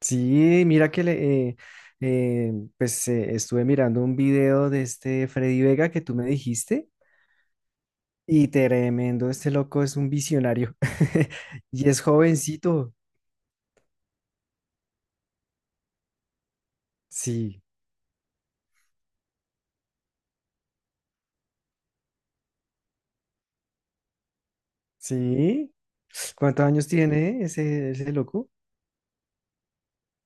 Sí, mira que le, pues estuve mirando un video de este Freddy Vega que tú me dijiste y tremendo, este loco es un visionario y es jovencito. Sí, sí. ¿Cuántos años tiene ese loco?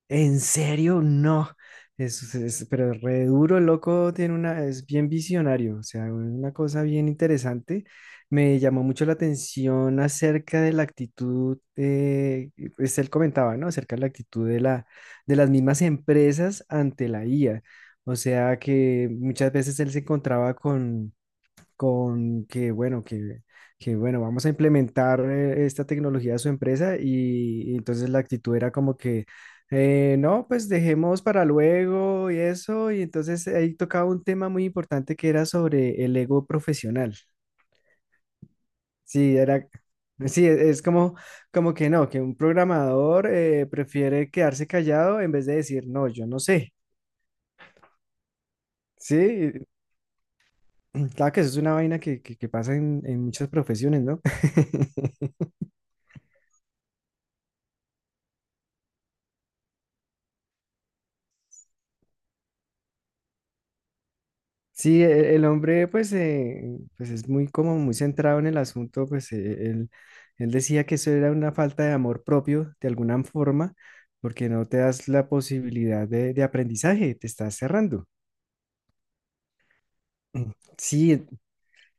¿En serio? No. Pero re duro, el loco, tiene una, es bien visionario, o sea, una cosa bien interesante. Me llamó mucho la atención acerca de la actitud, pues él comentaba, ¿no? Acerca de la actitud de las mismas empresas ante la IA. O sea, que muchas veces él se encontraba con que, bueno, bueno, vamos a implementar esta tecnología a su empresa y entonces la actitud era como que, no, pues dejemos para luego y eso, y entonces ahí tocaba un tema muy importante que era sobre el ego profesional. Sí, era, sí, es como que no, que un programador prefiere quedarse callado en vez de decir, no, yo no sé. Sí, claro que eso es una vaina que pasa en muchas profesiones, ¿no? Sí, el hombre pues, pues es muy como muy centrado en el asunto, pues él, él decía que eso era una falta de amor propio de alguna forma, porque no te das la posibilidad de aprendizaje, te estás cerrando. Mm, sí,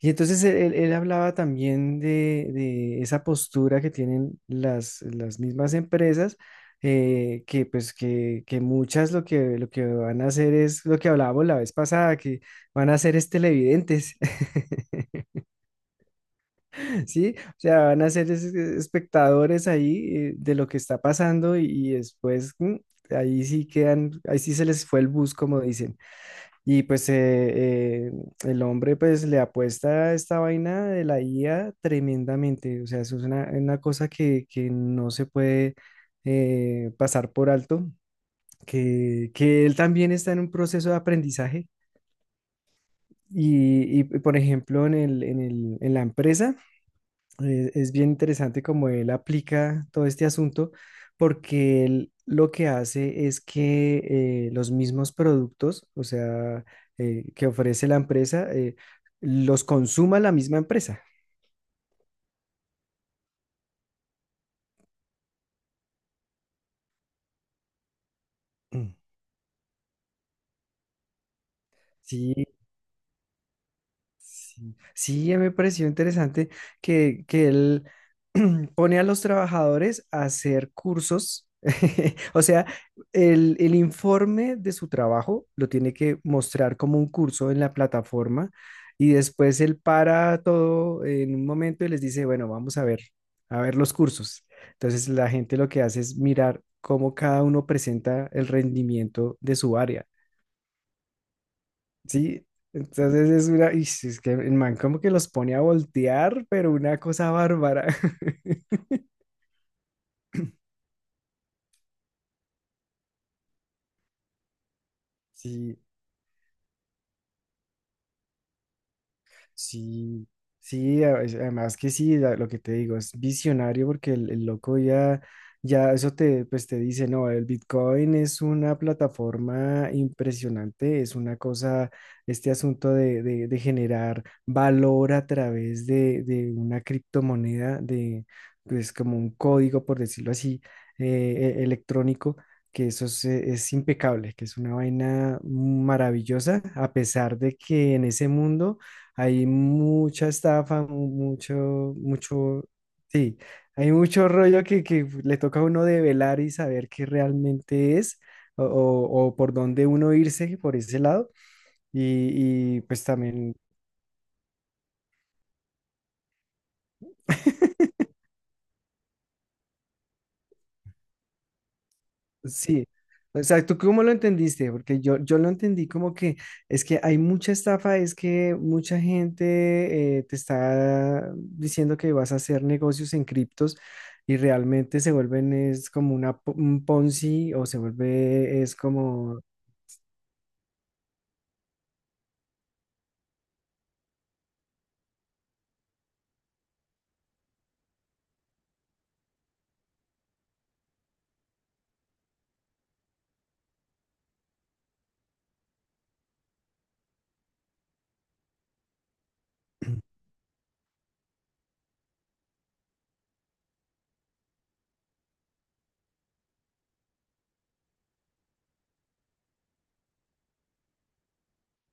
y entonces él hablaba también de esa postura que tienen las mismas empresas, que pues que muchas lo que van a hacer es lo que hablábamos la vez pasada, que van a hacer es televidentes. Sí, o sea, van a ser espectadores ahí de lo que está pasando y después ahí sí quedan, ahí sí se les fue el bus, como dicen. Y pues el hombre pues le apuesta a esta vaina de la IA tremendamente, o sea, eso es una cosa que no se puede pasar por alto, que él también está en un proceso de aprendizaje. Y, por ejemplo, en la empresa es bien interesante cómo él aplica todo este asunto, porque él lo que hace es que los mismos productos, o sea, que ofrece la empresa, los consuma la misma empresa. Mm. Sí. Sí, sí, me pareció interesante que él pone a los trabajadores a hacer cursos. O sea, el informe de su trabajo lo tiene que mostrar como un curso en la plataforma y después él para todo en un momento y les dice, bueno, vamos a ver los cursos. Entonces la gente lo que hace es mirar cómo cada uno presenta el rendimiento de su área. Sí, entonces es es que el man como que los pone a voltear, pero una cosa bárbara. Sí. Sí, sí, además que sí, lo que te digo, es visionario porque el loco ya, ya eso pues te dice, no, el Bitcoin es una plataforma impresionante, es una cosa, este asunto de, de generar valor a través de una criptomoneda, pues como un código, por decirlo así, electrónico. Que eso es impecable, que es una vaina maravillosa, a pesar de que en ese mundo hay mucha estafa, mucho, sí, hay mucho rollo que le toca a uno develar y saber qué realmente es o por dónde uno irse por ese lado. Y pues también. Sí, o sea, ¿tú cómo lo entendiste? Porque yo lo entendí como que es que hay mucha estafa, es que mucha gente te está diciendo que vas a hacer negocios en criptos y realmente se vuelven, es como un Ponzi o se vuelve, es como.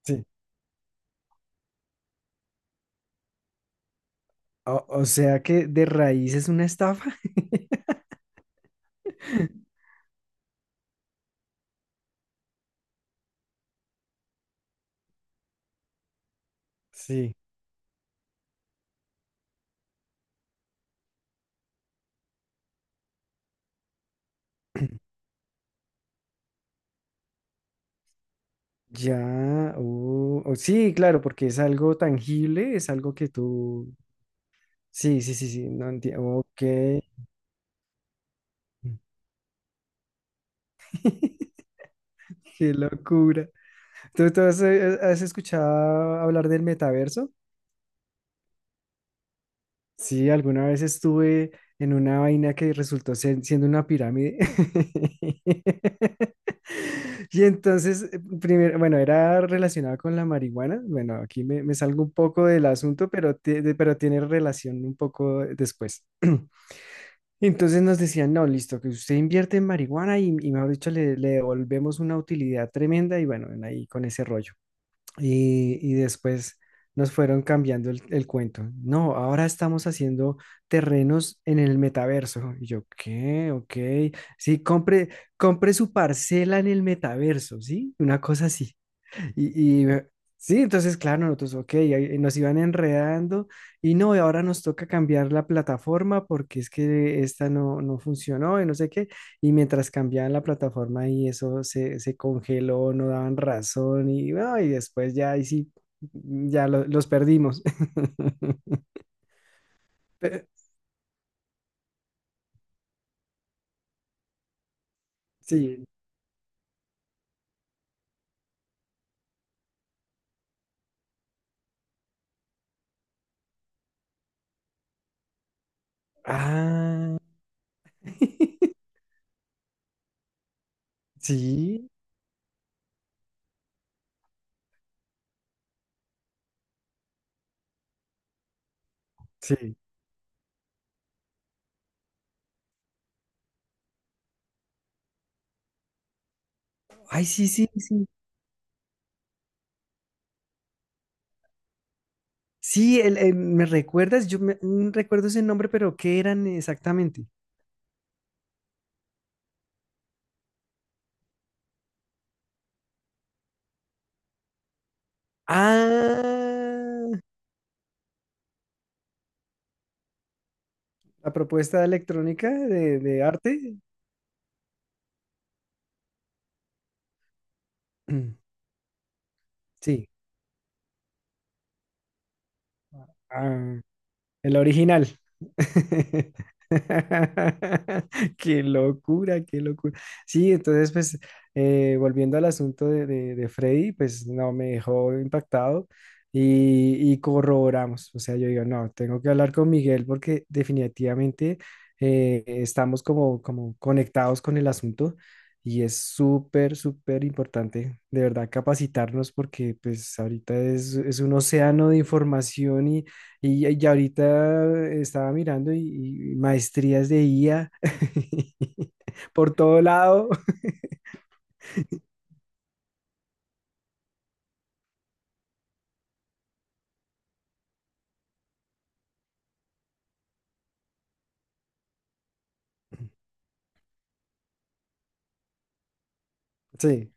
Sí, o sea que de raíz es una estafa. Sí, ya, oh, oh, sí, claro, porque es algo tangible, es algo que tú, sí, sí, sí, sí, no entiendo, ok. Qué locura. ¿Tú has escuchado hablar del metaverso? Sí, alguna vez estuve en una vaina que resultó siendo una pirámide. Y entonces, primero, bueno, era relacionado con la marihuana. Bueno, aquí me salgo un poco del asunto, pero tiene relación un poco después. Entonces nos decían, no, listo, que usted invierte en marihuana y mejor dicho, le devolvemos una utilidad tremenda y bueno, en ahí con ese rollo. Y después nos fueron cambiando el cuento. No, ahora estamos haciendo terrenos en el metaverso. Y yo, ¿qué? Ok. Sí, compre, compre su parcela en el metaverso, ¿sí? Una cosa así. Y, sí, entonces, claro, nosotros, ok, ahí nos iban enredando y no, y ahora nos toca cambiar la plataforma porque es que esta no, no funcionó y no sé qué. Y mientras cambiaban la plataforma y eso se congeló, no daban razón y, bueno, y después ya, ahí sí, ya los perdimos. Pe- Sí. Ah. Sí, sí. Ay, sí, sí, sí. Sí, me recuerdas, yo recuerdo ese nombre, pero ¿qué eran exactamente? Ah, la propuesta electrónica de arte. Sí. Ah. El original. Qué locura, qué locura. Sí, entonces, pues, volviendo al asunto de, de Freddy, pues no, me dejó impactado y corroboramos. O sea, yo digo, no, tengo que hablar con Miguel porque definitivamente estamos como conectados con el asunto y es súper, súper importante, de verdad, capacitarnos porque, pues, ahorita es un océano de información y ahorita estaba mirando y maestrías de IA por todo lado. Sí.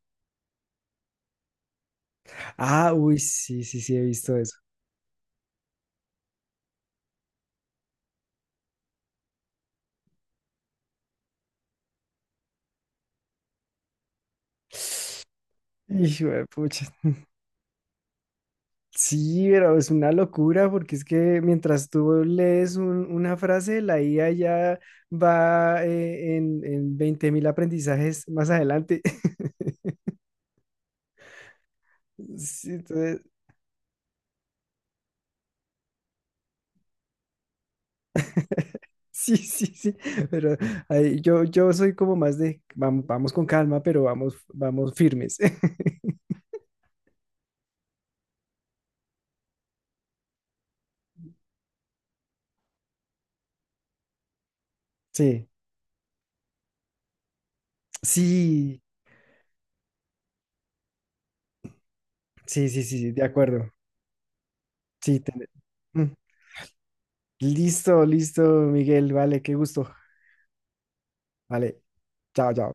Ah, uy, sí, sí, sí, he visto eso. Hijo de pucha. Sí, pero es una locura porque es que mientras tú lees un- una frase, la IA ya va en 20.000 aprendizajes más adelante. Sí, entonces. Sí, sí, sí, pero ahí yo soy como más de vamos, con calma, pero vamos, vamos firmes. Sí, sí, sí, sí, sí, de acuerdo. Sí. Mm. Listo, listo, Miguel, vale, qué gusto. Vale, chao, chao.